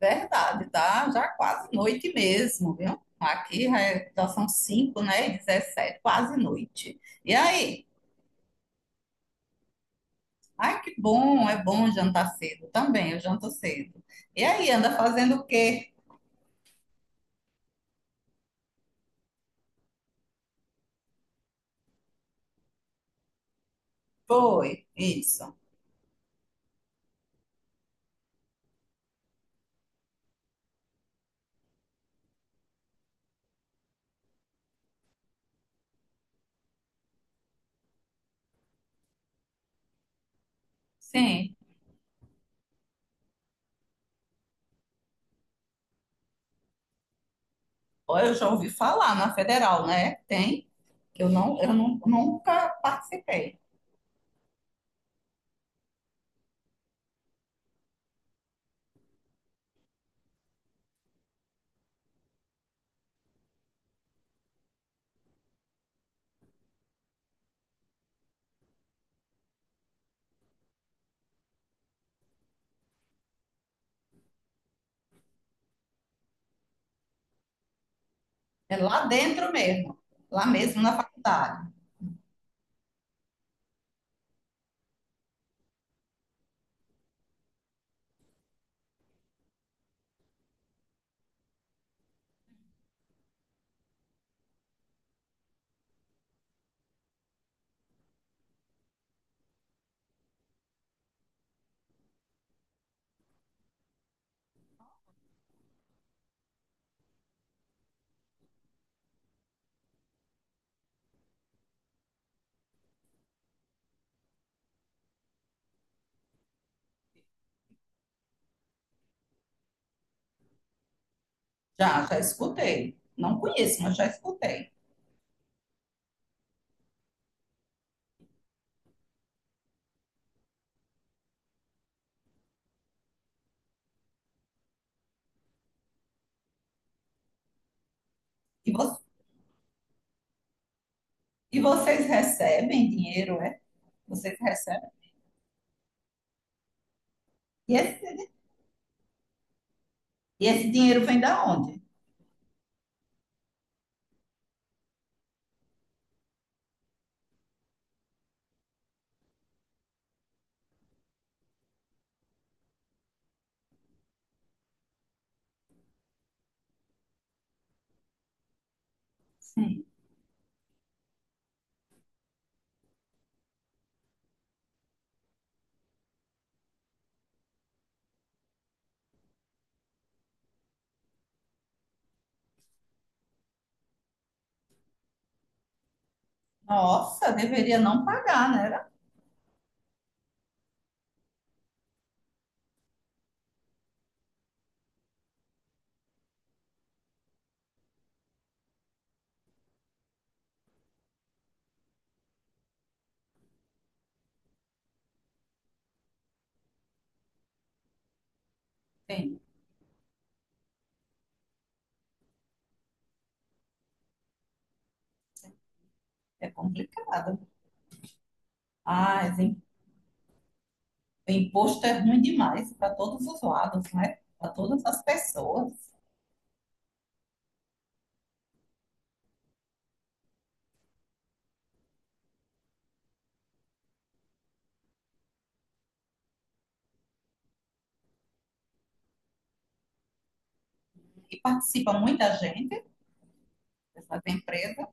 Verdade, tá? Já quase noite mesmo, viu? Aqui já, já são 5, né? E 17, quase noite. E aí? Ai, que bom, é bom jantar cedo também, eu janto cedo. E aí, anda fazendo o quê? Foi, isso. Sim. Ó, eu já ouvi falar na Federal, né? Tem, que eu não, nunca participei. É lá dentro mesmo, lá mesmo na faculdade. Já, já escutei. Não conheço, mas já escutei. E você? E vocês recebem dinheiro, é? Vocês recebem? E esse, e esse dinheiro vem da onde? Sim. Nossa, deveria não pagar, né? Bem, é complicado. Ah, esse im- Imposto é ruim demais para todos os lados, né? Para todas as pessoas. E participa muita gente dessa empresa.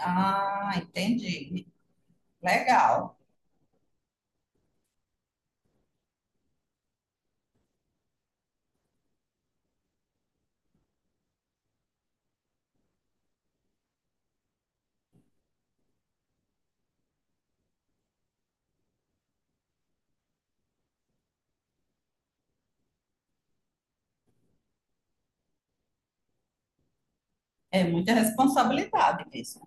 Ah, entendi. Legal. É muita responsabilidade mesmo.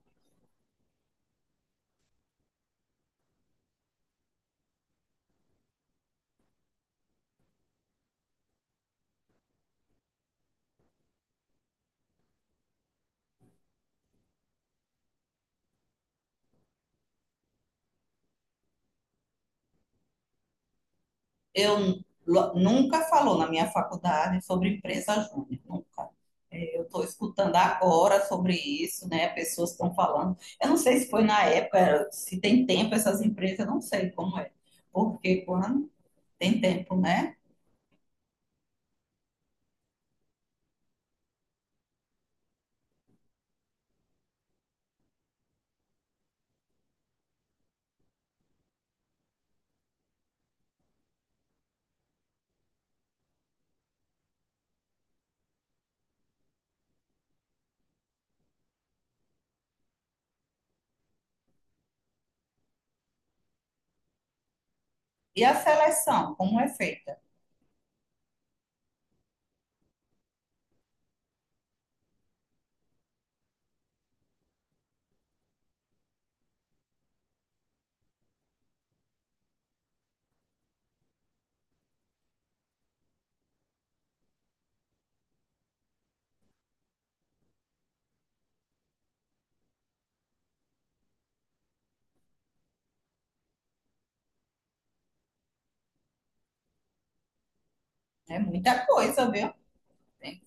Eu nunca falou na minha faculdade sobre empresa júnior, nunca. É, eu estou escutando agora sobre isso, né? Pessoas estão falando. Eu não sei se foi na época, se tem tempo essas empresas, eu não sei como é. Porque quando tem tempo, né? E a seleção, como é feita? É muita coisa, viu? Tem,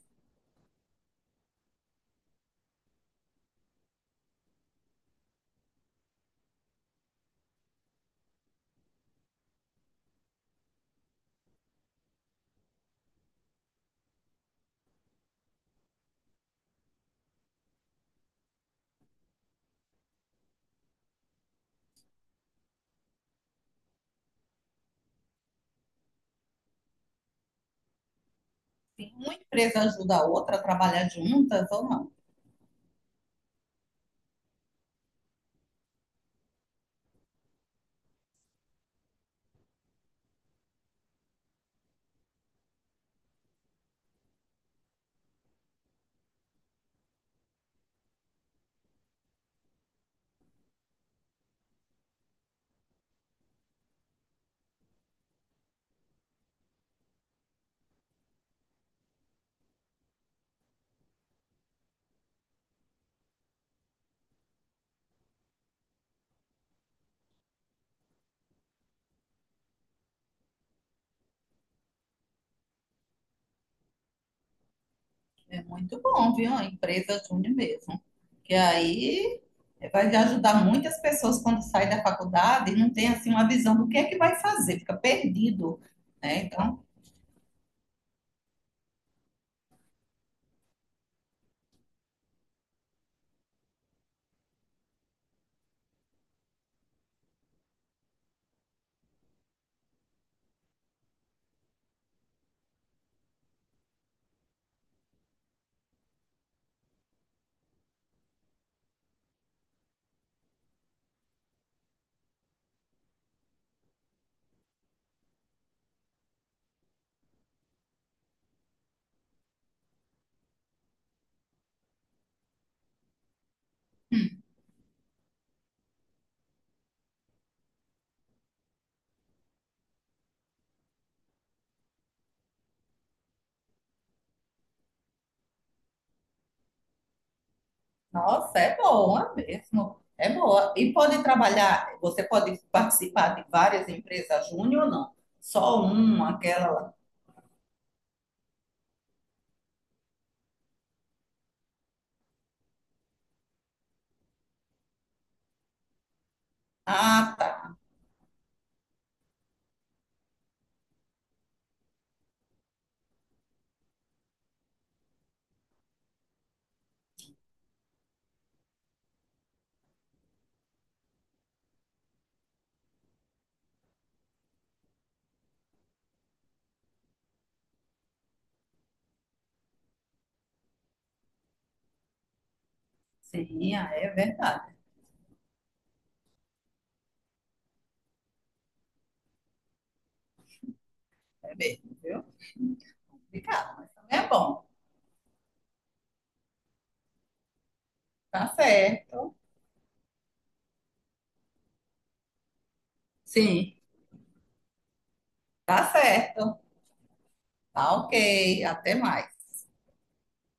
tem- uma empresa ajuda a outra a trabalhar juntas ou não? É muito bom, viu? A empresa Júnior mesmo. Que aí vai ajudar muitas pessoas quando sai da faculdade e não tem assim uma visão do que é que vai fazer, fica perdido, né? Então, nossa, é boa mesmo. É boa. E pode trabalhar, você pode participar de várias empresas Júnior ou não? Só uma, aquela lá. Ah, tá. Sim, ah, é verdade. É mesmo, viu? Complicado, mas também é bom. Tá certo. Sim, tá certo. Tá ok, até mais.